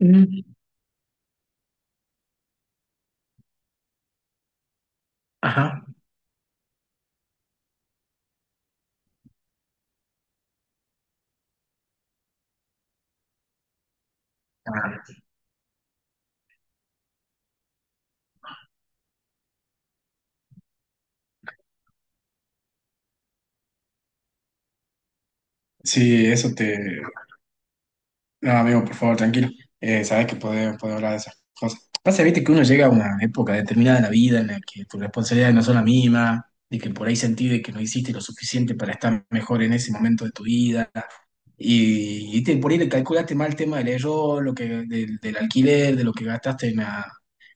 Mm, Ajá. Ah, Sí, eso te. No, amigo, por favor, tranquilo. Sabes que podemos hablar de esas cosas. Pasa, viste, que uno llega a una época determinada de la vida en la que tus responsabilidades no son las mismas, de que por ahí sentís de que no hiciste lo suficiente para estar mejor en ese momento de tu vida. Por ahí le calculaste mal el tema del error, lo que, del alquiler, de lo que gastaste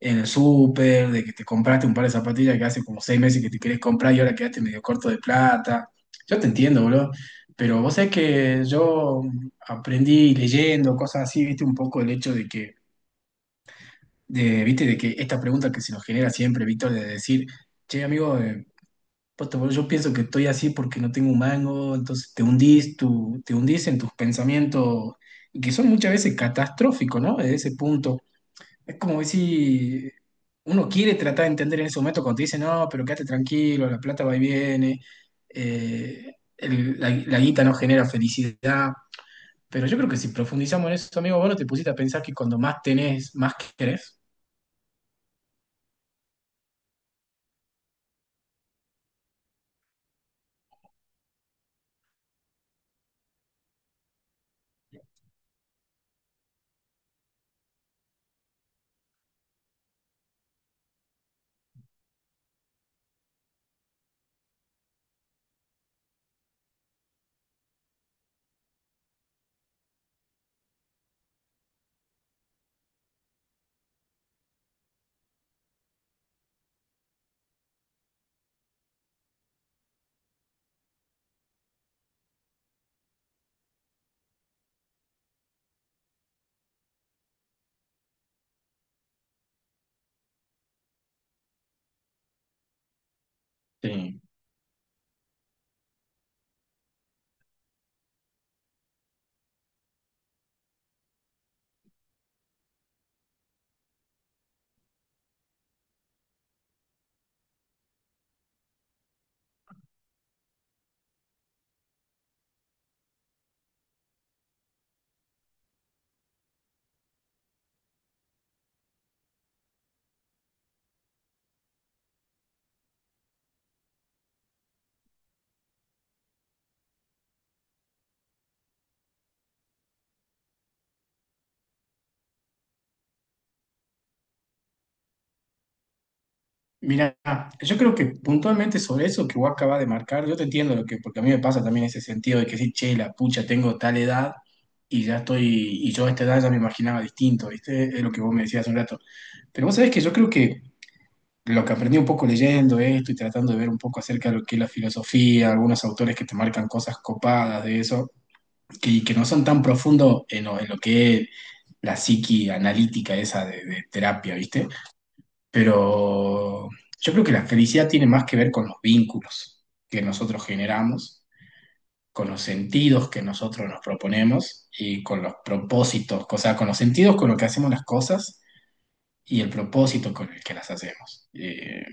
en el súper, de que te compraste un par de zapatillas que hace como 6 meses que te querés comprar y ahora quedaste medio corto de plata. Yo te entiendo, boludo. Pero vos sabés que yo aprendí leyendo cosas así, viste, un poco el hecho de que, viste, de que esta pregunta que se nos genera siempre, Víctor, de decir, che, amigo, puta, bro, yo pienso que estoy así porque no tengo un mango, entonces te hundís, te hundís en tus pensamientos, y que son muchas veces catastróficos, ¿no? Desde ese punto. Es como si uno quiere tratar de entender en ese momento cuando te dice, no, pero quédate tranquilo, la plata va y viene, la guita no genera felicidad. Pero yo creo que si profundizamos en eso, amigo, vos no te pusiste a pensar que cuando más tenés, más querés. Mira, yo creo que puntualmente sobre eso que vos acabas de marcar, yo te entiendo lo que, porque a mí me pasa también ese sentido de que sí, che, la pucha, tengo tal edad y ya estoy, y yo a esta edad ya me imaginaba distinto, ¿viste? Es lo que vos me decías hace un rato. Pero vos sabés que yo creo que lo que aprendí un poco leyendo esto y tratando de ver un poco acerca de lo que es la filosofía, algunos autores que te marcan cosas copadas de eso, que no son tan profundos en lo que es la psiqui analítica esa de terapia, ¿viste? Pero yo creo que la felicidad tiene más que ver con los vínculos que nosotros generamos, con los sentidos que nosotros nos proponemos y con los propósitos, o sea, con los sentidos con los que hacemos las cosas y el propósito con el que las hacemos.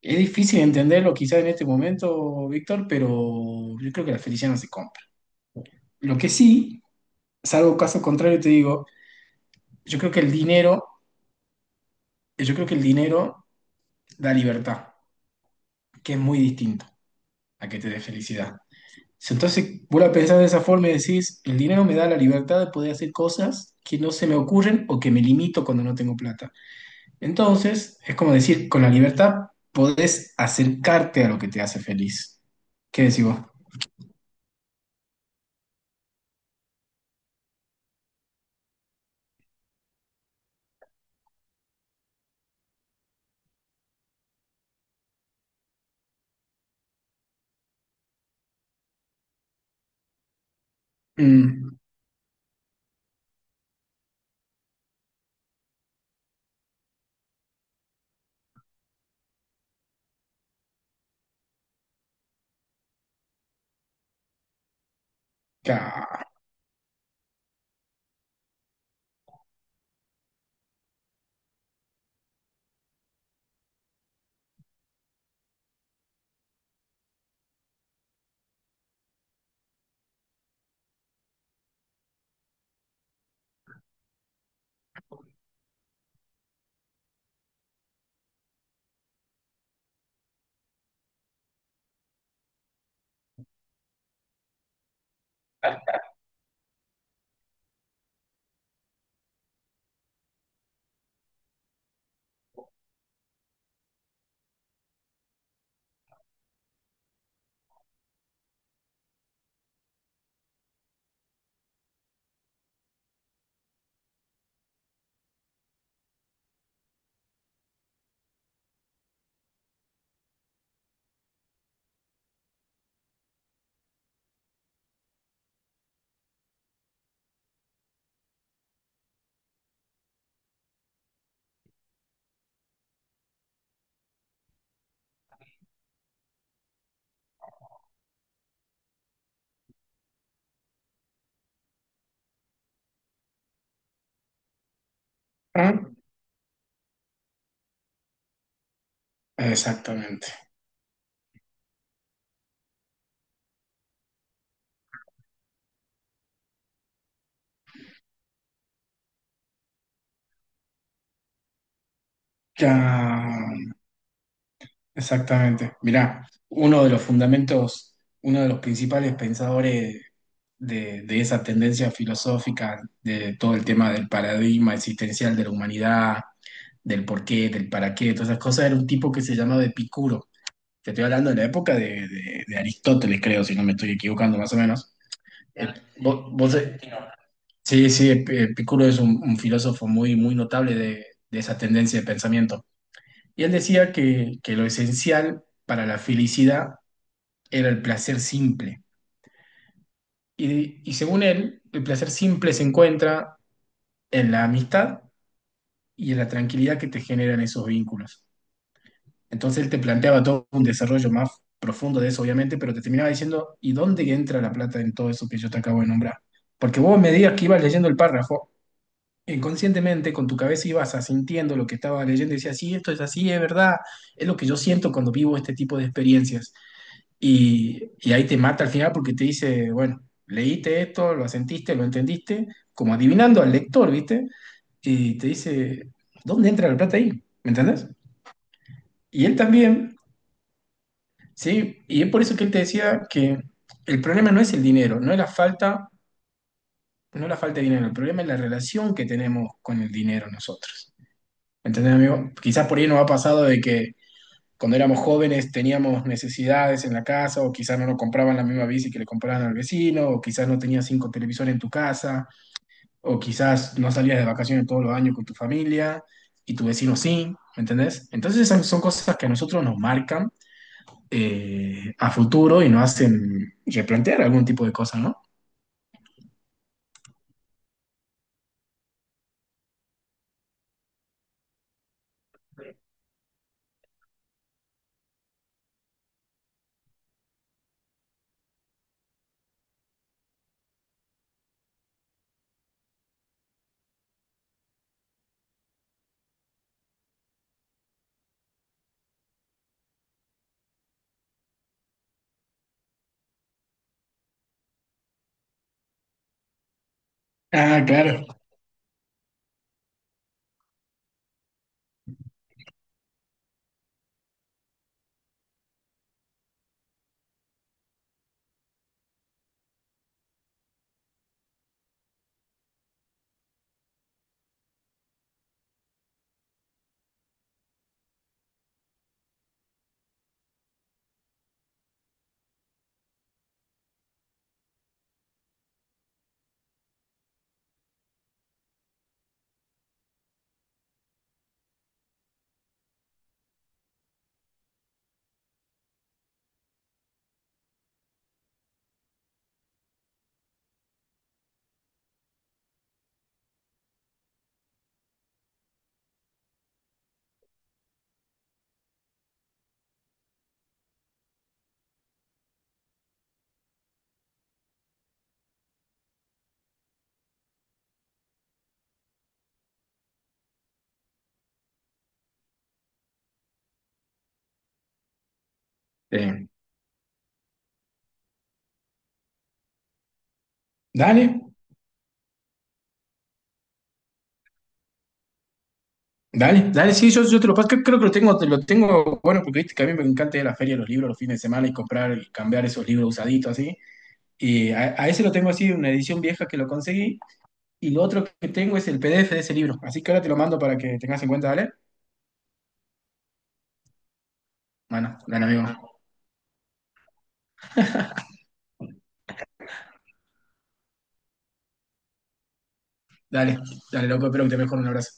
Es difícil entenderlo quizás en este momento, Víctor, pero yo creo que la felicidad no se compra. Lo que sí, salvo caso contrario, te digo, yo creo que el dinero, yo creo que el dinero da libertad, que es muy distinto a que te dé felicidad. Si. Entonces, vos la pensás de esa forma y decís, el dinero me da la libertad de poder hacer cosas que no se me ocurren o que me limito cuando no tengo plata. Entonces, es como decir, con la libertad podés acercarte a lo que te hace feliz. ¿Qué decís vos? Mm, ya. Exactamente. Ya. Exactamente. Mirá, uno de los fundamentos, uno de los principales pensadores de esa tendencia filosófica, de todo el tema del paradigma existencial de la humanidad, del por qué, del para qué, todas esas cosas, era un tipo que se llamaba Epicuro. Te estoy hablando de la época de Aristóteles, creo, si no me estoy equivocando más o menos. Sí, sí, sí, Epicuro es un filósofo muy, muy notable de esa tendencia de pensamiento. Y él decía que lo esencial para la felicidad era el placer simple. Y según él, el placer simple se encuentra en la amistad y en la tranquilidad que te generan esos vínculos. Entonces él te planteaba todo un desarrollo más profundo de eso, obviamente, pero te terminaba diciendo, ¿y dónde entra la plata en todo eso que yo te acabo de nombrar? Porque vos me digas que ibas leyendo el párrafo, inconscientemente con tu cabeza ibas asintiendo lo que estaba leyendo y decías, sí, esto es así, es verdad, es lo que yo siento cuando vivo este tipo de experiencias. Y ahí te mata al final porque te dice, bueno, leíste esto, lo sentiste, lo entendiste, como adivinando al lector, ¿viste? Y te dice, ¿dónde entra la plata ahí? ¿Me entendés? Y él también, ¿sí? Y es por eso que él te decía que el problema no es el dinero, no es la falta, no es la falta de dinero, el problema es la relación que tenemos con el dinero nosotros. ¿Entendés, amigo? Quizás por ahí nos ha pasado de que cuando éramos jóvenes teníamos necesidades en la casa, o quizás no nos compraban la misma bici que le compraban al vecino, o quizás no tenías cinco televisores en tu casa, o quizás no salías de vacaciones todos los años con tu familia y tu vecino sí, ¿me entendés? Entonces esas son cosas que a nosotros nos marcan a futuro y nos hacen replantear algún tipo de cosas, ¿no? Ah, claro. Eh, Dale. Dale, dale, sí, yo te lo paso, creo, que lo tengo, te lo tengo, bueno, porque viste que a mí me encanta ir a la feria de los libros los fines de semana y comprar y cambiar esos libros usaditos así. Y a ese lo tengo así, una edición vieja que lo conseguí. Y lo otro que tengo es el PDF de ese libro. Así que ahora te lo mando para que tengas en cuenta, ¿dale? Bueno, dale, amigo. Dale, dale, loco, espero que te mejore un abrazo.